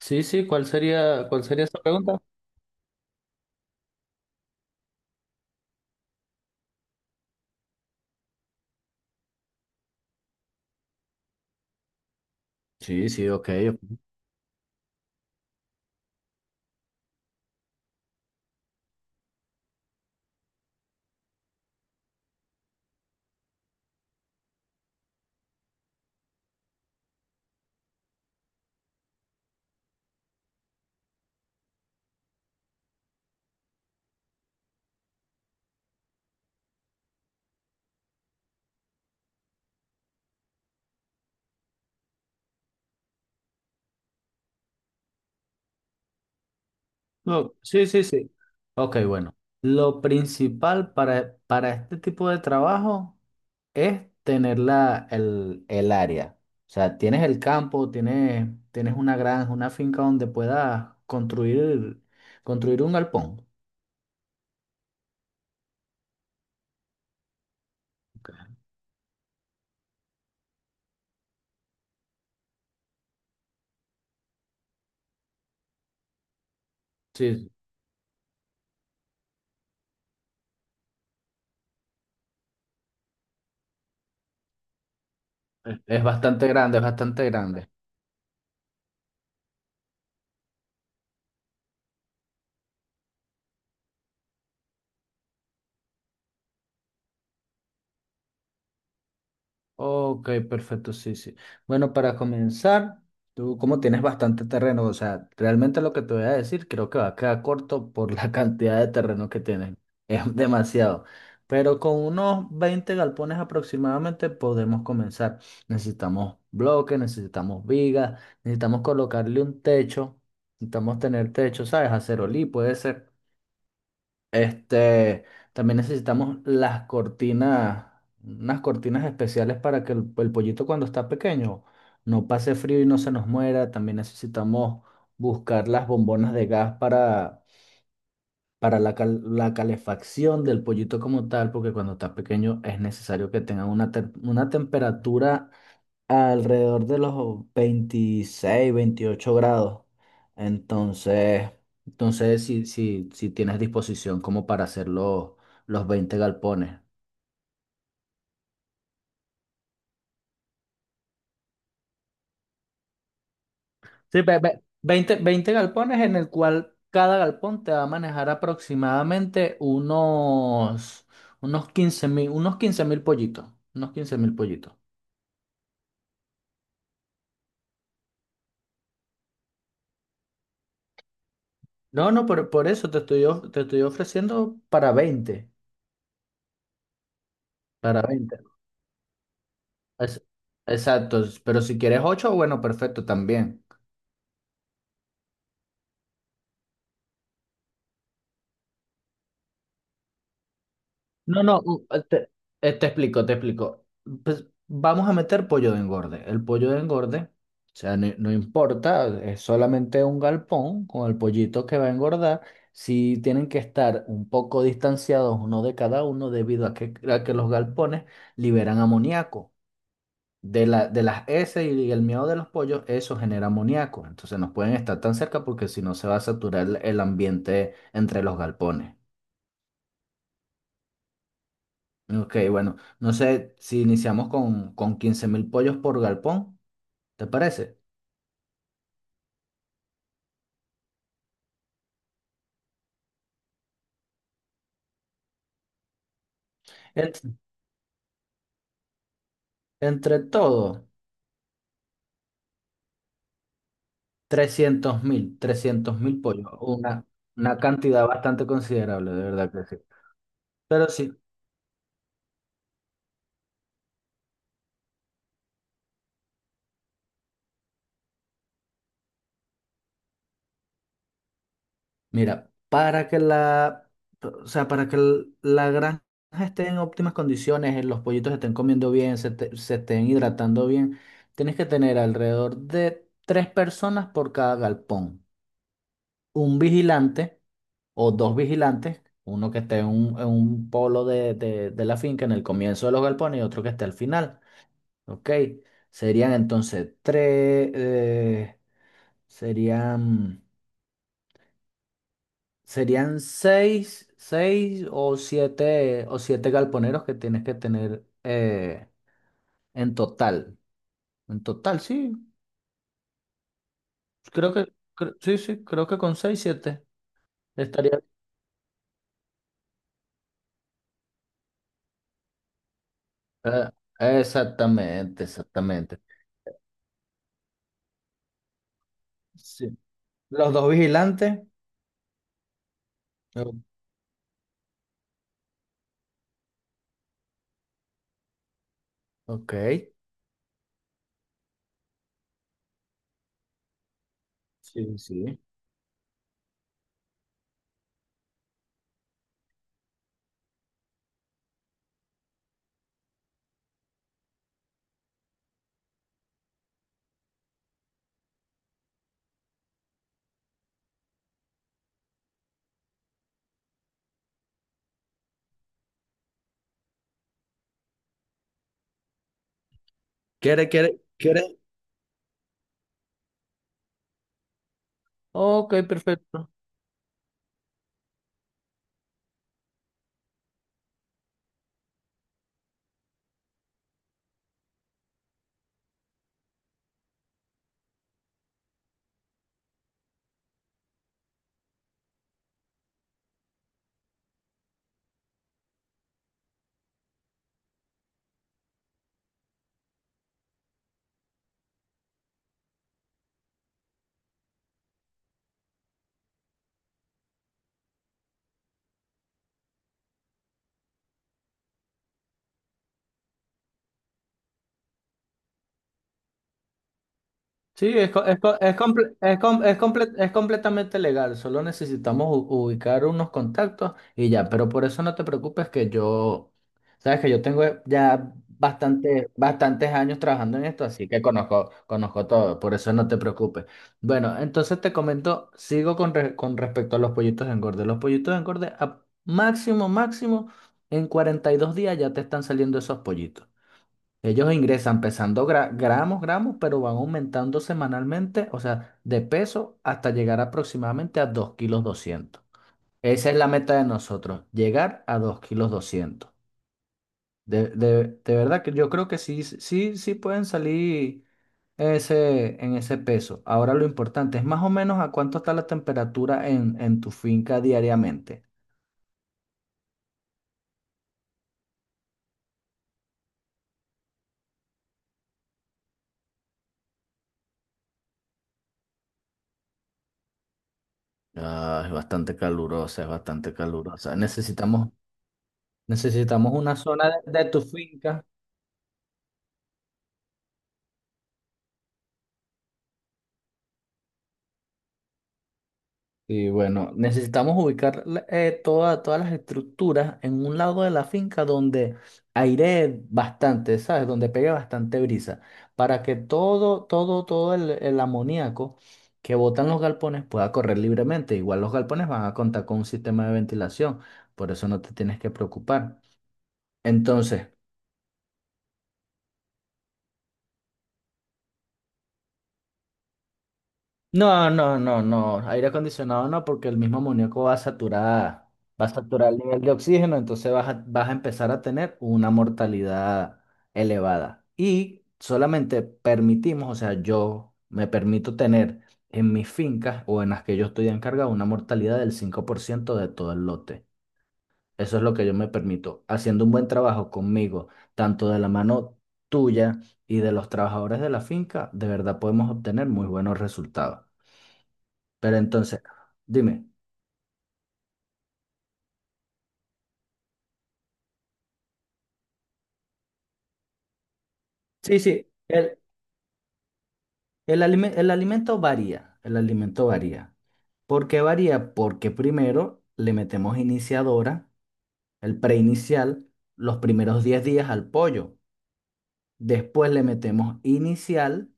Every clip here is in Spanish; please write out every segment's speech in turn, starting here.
Sí, sí, cuál sería esa pregunta? Sí, sí, ok. No, sí, sí, sí. Ok, bueno. Lo principal para este tipo de trabajo es tener el área. O sea, tienes el campo, tienes una granja, una finca donde puedas construir, construir un galpón. Sí, es bastante grande, es bastante grande. Ok, perfecto, sí, sí. Bueno, para comenzar, tú como tienes bastante terreno, o sea, realmente lo que te voy a decir creo que va a quedar corto por la cantidad de terreno que tienes. Es demasiado. Pero con unos 20 galpones aproximadamente podemos comenzar. Necesitamos bloques, necesitamos vigas, necesitamos colocarle un techo, necesitamos tener techo, ¿sabes? Acerolí puede ser. Este, también necesitamos las cortinas, unas cortinas especiales para que el pollito cuando está pequeño no pase frío y no se nos muera. También necesitamos buscar las bombonas de gas para la, cal- la calefacción del pollito como tal, porque cuando está pequeño es necesario que tenga una, tem- una temperatura alrededor de los 26, 28 grados. Entonces, entonces si tienes disposición como para hacer los 20 galpones. Sí, ve- ve- 20, 20 galpones en el cual cada galpón te va a manejar aproximadamente unos, unos 15.000, unos 15.000 pollitos. Unos 15 mil pollitos. No, no, por eso te estoy, of- te estoy ofreciendo para 20. Para veinte. Es- exacto, pero si quieres ocho, bueno, perfecto también. No, no, te, te explico, te explico. Pues vamos a meter pollo de engorde. El pollo de engorde, o sea, no, no importa, es solamente un galpón con el pollito que va a engordar. Si tienen que estar un poco distanciados uno de cada uno debido a que los galpones liberan amoníaco. De la, de las heces y el miedo de los pollos, eso genera amoníaco. Entonces no pueden estar tan cerca porque si no se va a saturar el ambiente entre los galpones. Ok, bueno, no sé si iniciamos con 15.000 pollos por galpón, ¿te parece? Ent- entre todo, 300.000, 300.000 pollos, una cantidad bastante considerable, de verdad que sí. Pero sí, mira, para que o sea, para que el- la granja esté en óptimas condiciones, los pollitos estén comiendo bien, te- se estén hidratando bien, tienes que tener alrededor de tres personas por cada galpón. Un vigilante o dos vigilantes, uno que esté en un polo de la finca en el comienzo de los galpones y otro que esté al final. ¿Ok? Serían entonces tres, serían... Serían seis, seis o siete galponeros que tienes que tener en total. En total, sí. Creo que, cre- sí, sí, creo que con seis, siete estaría. eh, Exactamente, exactamente. Sí. Los dos vigilantes. o- Ok. Sí, sí. ¿Quiere, quiere, quiere? Ok, perfecto. Sí, es, co- es, co- es, comple- es, com- es comple- es completamente legal, solo necesitamos u- ubicar unos contactos y ya, pero por eso no te preocupes que yo, sabes que yo tengo ya bastante, bastantes años trabajando en esto, así que conozco, conozco todo, por eso no te preocupes. Bueno, entonces te comento, sigo con, re- con respecto a los pollitos engorde. Los pollitos engorde, a máximo, máximo, en 42 días ya te están saliendo esos pollitos. Ellos ingresan pesando gra- gramos, gramos, pero van aumentando semanalmente, o sea, de peso hasta llegar aproximadamente a 2 kilos 200. Esa es la meta de nosotros, llegar a 2 kilos 200. De verdad que yo creo que sí, sí, sí pueden salir ese, en ese peso. Ahora lo importante es más o menos a cuánto está la temperatura en tu finca diariamente. Ah, es bastante calurosa, es bastante calurosa. Necesitamos, necesitamos una zona de tu finca. Y bueno, necesitamos ubicar la- toda- todas las estructuras en un lado de la finca donde airee bastante, ¿sabes? Donde pegue bastante brisa, para que todo, todo, todo el amoníaco que botan los galpones pueda correr libremente. Igual los galpones van a contar con un sistema de ventilación, por eso no te tienes que preocupar. Entonces, no, no, no, no. Aire acondicionado no, porque el mismo amoníaco va a saturar el nivel de oxígeno, entonces vas a, vas a empezar a tener una mortalidad elevada. Y solamente permitimos, o sea, yo me permito tener en mis fincas o en las que yo estoy encargado una mortalidad del 5% de todo el lote. Eso es lo que yo me permito, haciendo un buen trabajo conmigo, tanto de la mano tuya y de los trabajadores de la finca, de verdad podemos obtener muy buenos resultados. Pero entonces, dime. Sí, sí, alime- el alimento varía, el alimento varía. ¿Por qué varía? Porque primero le metemos iniciadora, el preinicial, los primeros 10 días al pollo. Después le metemos inicial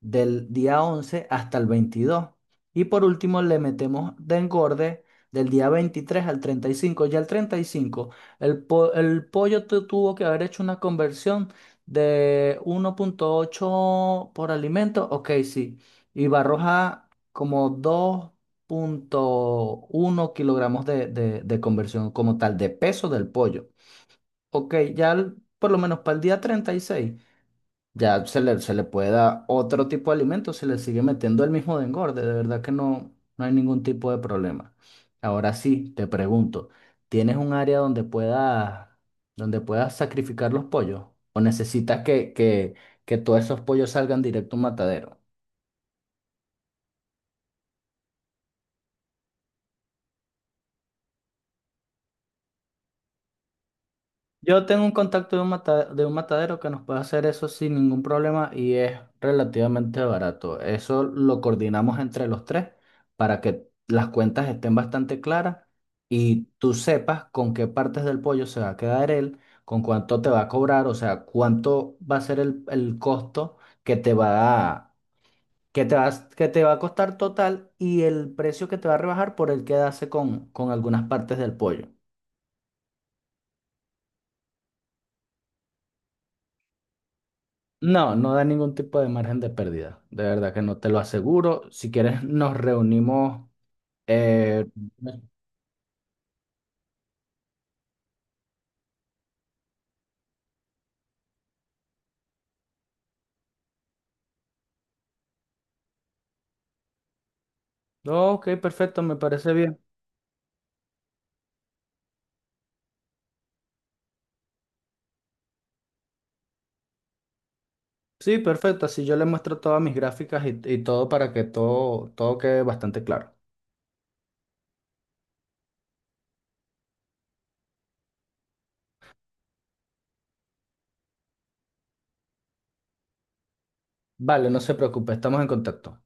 del día 11 hasta el 22. Y por último le metemos de engorde del día 23 al 35. Ya el 35, el, po- el pollo tu- tuvo que haber hecho una conversión de uno punto ocho por alimento. Ok, sí. Y va a arrojar como dos punto uno kilogramos de conversión como tal de peso del pollo. Ok, ya el- por lo menos para el día 36 ya se le puede dar otro tipo de alimento, se le sigue metiendo el mismo de engorde, de verdad que no, no hay ningún tipo de problema. Ahora sí, te pregunto, ¿tienes un área donde puedas sacrificar los pollos? ¿O necesitas que todos esos pollos salgan directo a un matadero? Yo tengo un contacto de un mata- de un matadero que nos puede hacer eso sin ningún problema y es relativamente barato. Eso lo coordinamos entre los tres para que las cuentas estén bastante claras y tú sepas con qué partes del pollo se va a quedar él, con cuánto te va a cobrar, o sea, cuánto va a ser el costo que te va a, que te va, a- que te va a costar total y el precio que te va a rebajar por el quedarse con algunas partes del pollo. No, no da ningún tipo de margen de pérdida. De verdad que no te lo aseguro. Si quieres, nos reunimos. eh, no, ok, perfecto, me parece bien. Sí, perfecto. Así yo le muestro todas mis gráficas y todo para que todo, todo quede bastante claro. Vale, no se preocupe, estamos en contacto.